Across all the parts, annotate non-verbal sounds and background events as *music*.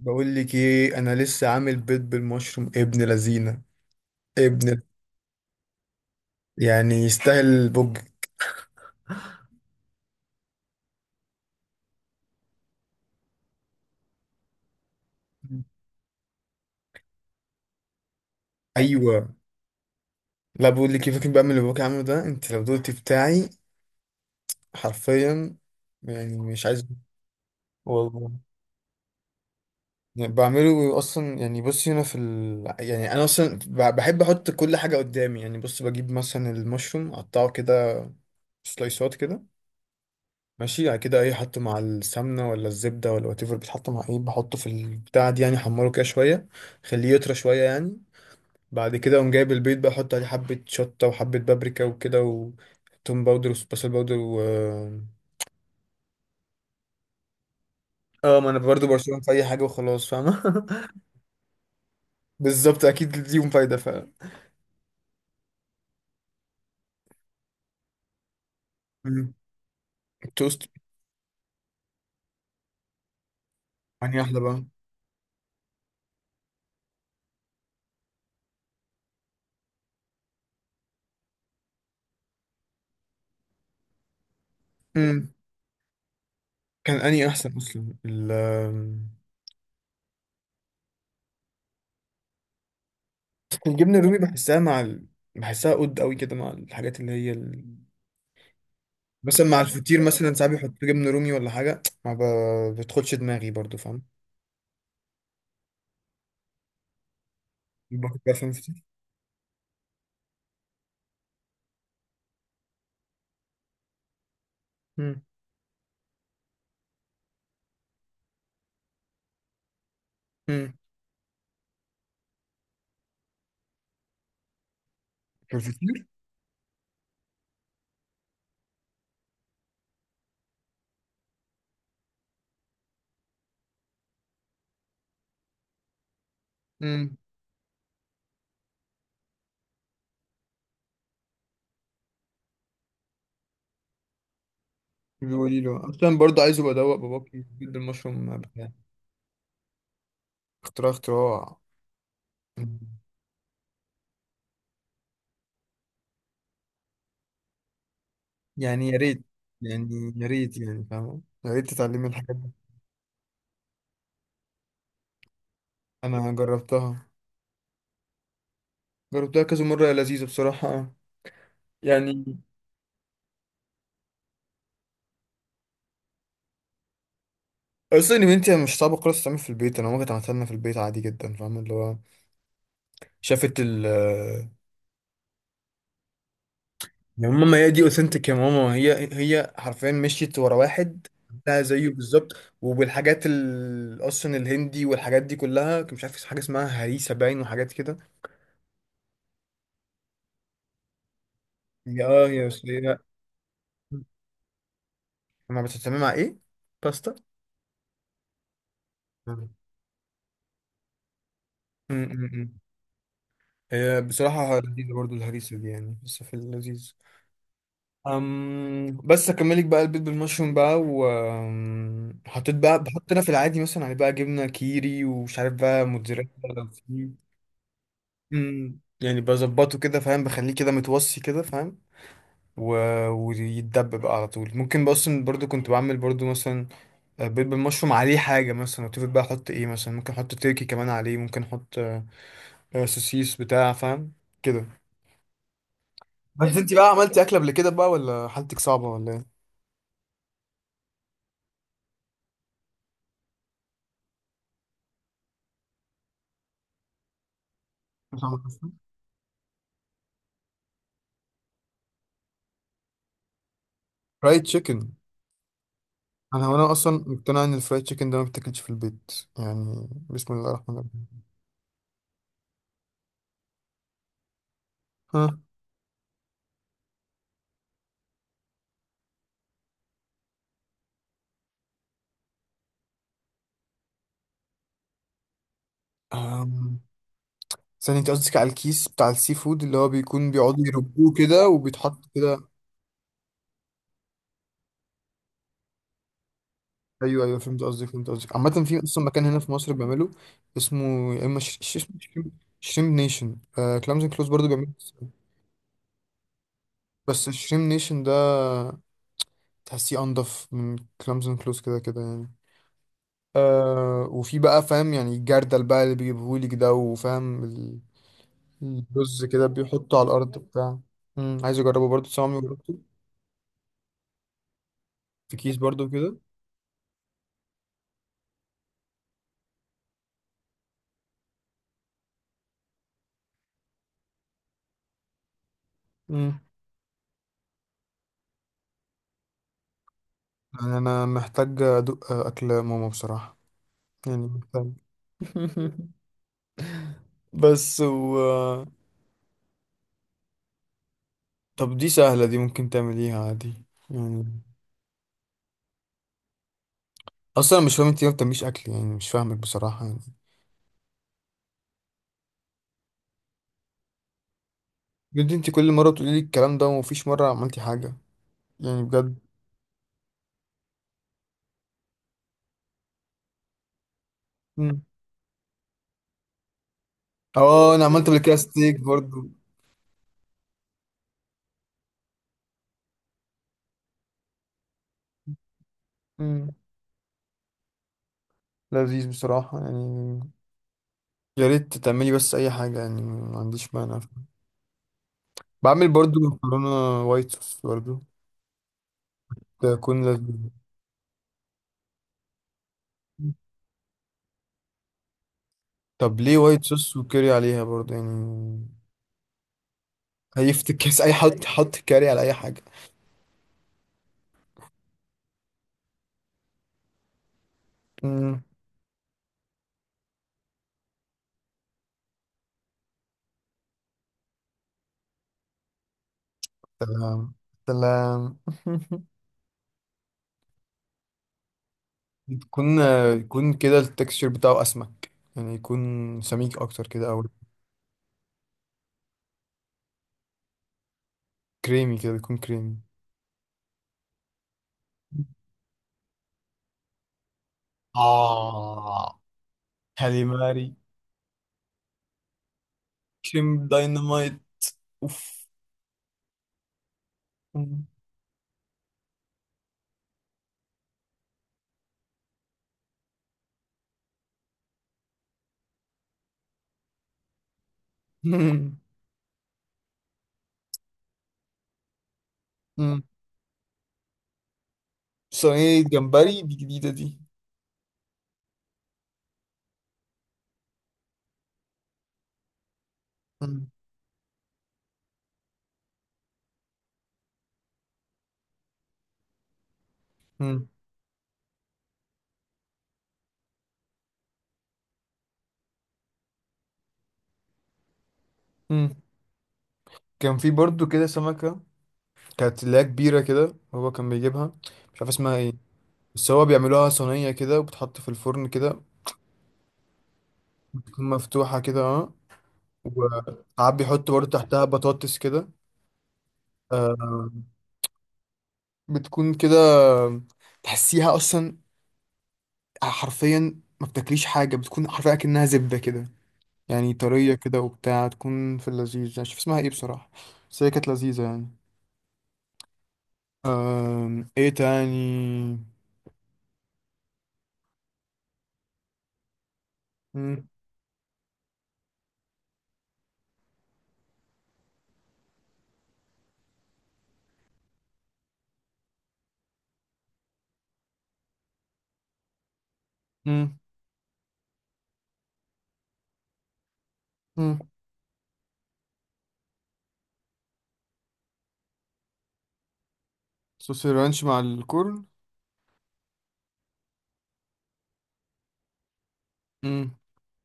بقول لك ايه، انا لسه عامل بيض بالمشروم ابن لذينه ابن. يعني يستاهل البوج. ايوه. لا بقول لك ايه، فاكر بقى من اللي باباك عامله ده؟ انت لو دقتي بتاعي حرفيا، يعني مش عايز والله. يعني بعمله اصلا، يعني بصي هنا في ال... يعني انا اصلا بحب احط كل حاجه قدامي، يعني بص بجيب مثلا المشروم اقطعه كده، سلايسات كده. ماشي، يعني كده ايه، حطه مع السمنه ولا الزبده ولا وات ايفر، بتحط مع ايه، بحطه في البتاع دي يعني حمره كده شويه، خليه يطرى شويه يعني. بعد كده اقوم جايب البيض بقى، احط عليه حبه شطه وحبه بابريكا وكده وتوم باودر وبصل باودر و اه. ما انا برضه برشلونه في اي حاجه وخلاص، فاهمه. *laughs* بالظبط، اكيد ليهم فايده ف مم. التوست يعني احلى بقى. مم. كان اني احسن اصلا ال الجبنه الرومي بحسها مع ال... بحسها قد قوي كده مع الحاجات اللي هي مثلا مع الفطير. مثلا ساعات بيحط جبنه رومي ولا حاجه، ما بتدخلش دماغي برضو، فاهم؟ باكل بقى فاهم فطير. امم. امم. الفطير. امم. بيقولي له اصلا برضو عايز ابقى ادوق باباكي جدا المشروم بتاعه. اختراع اختراع. مم. يعني يا ريت. يعني يا ريت، يعني فاهم، يا ريت تتعلمي الحاجات دي. انا جربتها، جربتها كذا مره يا لذيذه بصراحه يعني. اصلا ان انت مش صعبه خالص تعمل في البيت، انا ممكن عملتها لنا في البيت عادي جدا، فاهم اللي هو شافت ال يا ماما ما هي دي اوثنتيك يا ماما، هي حرفيا مشيت ورا واحد ده زيه بالظبط. وبالحاجات اصلا الهندي والحاجات دي كلها، كان مش عارف في حاجه اسمها هريسه باين وحاجات كده. هي اه هي أصل هي ما بتتعمل مع ايه؟ باستا. مم. مم، مم. مم. هي بصراحه لذيذه برضو الهريسه دي يعني، بس في اللذيذ. أم بس اكملك بقى البيض بالمشروم بقى، وحطيت بقى، بحط انا في العادي مثلا عليه بقى جبنه كيري ومش عارف بقى موتزاريلا. مم. يعني بظبطه كده، فاهم، بخليه كده متوصي كده، فاهم. و... ويتدب بقى على طول. ممكن بقى اصلا برضو كنت بعمل برضو مثلا بيض بالمشروم عليه حاجه مثلا اتفق بقى، احط ايه مثلا؟ ممكن احط تركي كمان عليه، ممكن احط سوسيس بتاع، فاهم كده. بس انت بقى عملتي اكله قبل كده بقى، ولا حالتك صعبه ولا ايه؟ مش عملت أصلاً؟ فرايد تشيكن. انا وانا اصلا مقتنع ان الفرايد تشيكن ده ما بتاكلش في البيت، يعني بسم الله الرحمن الرحيم. ها؟ ثانية، انت قصدك على الكيس بتاع السي فود اللي هو بيكون بيقعدوا يربوه كده وبيتحط كده؟ ايوه ايوه، فهمت قصدك فهمت قصدك. عامة في اصلا مكان هنا في مصر بيعمله، اسمه يا اما اسمه شريم شريم نيشن. آه كلامز اند كلوز برضه بيعمله. بس الشريم نيشن ده تحسيه انضف من كلامز اند كلوز كده كده يعني. آه، وفي بقى فاهم يعني الجردل بقى اللي بيجيبهولك ده، وفاهم ال- الرز كده بيحطه على الارض بتاع. مم، عايز اجربه برضه بس أنا عمري ما جربته. في كيس برضه كده. يعني انا محتاج ادوق اكل ماما بصراحة، يعني محتاج. *laughs* بس و طب دي سهلة، دي ممكن تعمليها عادي يعني. اصلا أنا مش فاهم انت ليه ما بتعمليش اكل، يعني مش فاهمك بصراحة يعني. بجد انت كل مرة بتقولي لي الكلام ده ومفيش مرة عملتي حاجة، يعني بجد. مم. اه انا عملت قبل كده ستيك برضو. مم. لذيذ بصراحة يعني. يا ريت تعملي بس اي حاجة، يعني ما عنديش مانع. بعمل برضو مكرونة وايت صوص برضو. تكون لذيذة. طب ليه وايت صوص وكاري عليها برضه يعني؟ هيفتك كاس اي حد حط كاري على اي حاجه. مم. سلام. سلام. *laughs* بتكون، يكون كده التكستشر بتاعه اسمك يعني، يكون سميك اكتر كده او كريمي كده، بيكون كريمي. آه. كاليماري. كريم داينامايت. اوف. *laughs* مم. مم. مم. صينية جمبري دي جديدة دي. مم. مم. مم. كان في برضو كده سمكة، كانت اللي هي كبيرة كده، هو كان بيجيبها. مش عارف اسمها ايه، بس هو بيعملوها صينية كده وبتحط في الفرن كده. بتكون مفتوحة كده اه. وساعات بيحط برضه تحتها بطاطس كده. آه. بتكون كده، تحسيها أصلا حرفيا ما بتاكليش حاجة، بتكون حرفيا كأنها زبدة كده، يعني طرية كده وبتاع، تكون في اللذيذ. أنا مش عارف اسمها ايه بصراحة، بس هي كانت لذيذة يعني. آم، ايه تاني؟ مم، مم، مم. صوص الرانش مع الكرن. مم.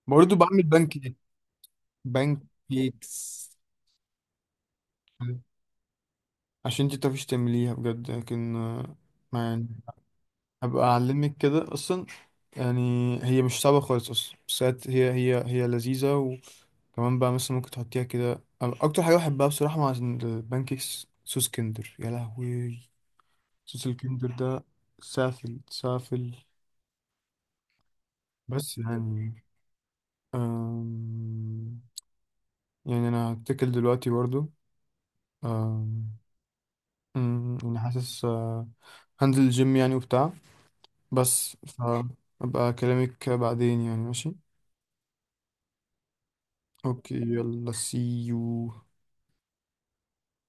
برضه بعمل بان كيك. بان كيكس. عشان انت متعرفيش تعمليها بجد لكن آه، ما يعني هبقى اعلمك كده اصلا يعني. هي مش صعبة خالص اصلا بس هي هي هي هي لذيذة. وكمان بقى مثلا ممكن تحطيها كده. أنا اكتر حاجة بحبها بصراحة مع البان كيكس صوص كندر، يا لهوي. صوص الكندر ده سافل سافل. بس يعني أم... يعني انا هتكل دلوقتي برضو. أم... أمم، يعني حاسس آه، هنزل الجيم يعني وبتاع، بس فأبقى أكلمك بعدين يعني، ماشي؟ أوكي يلا، سي يو.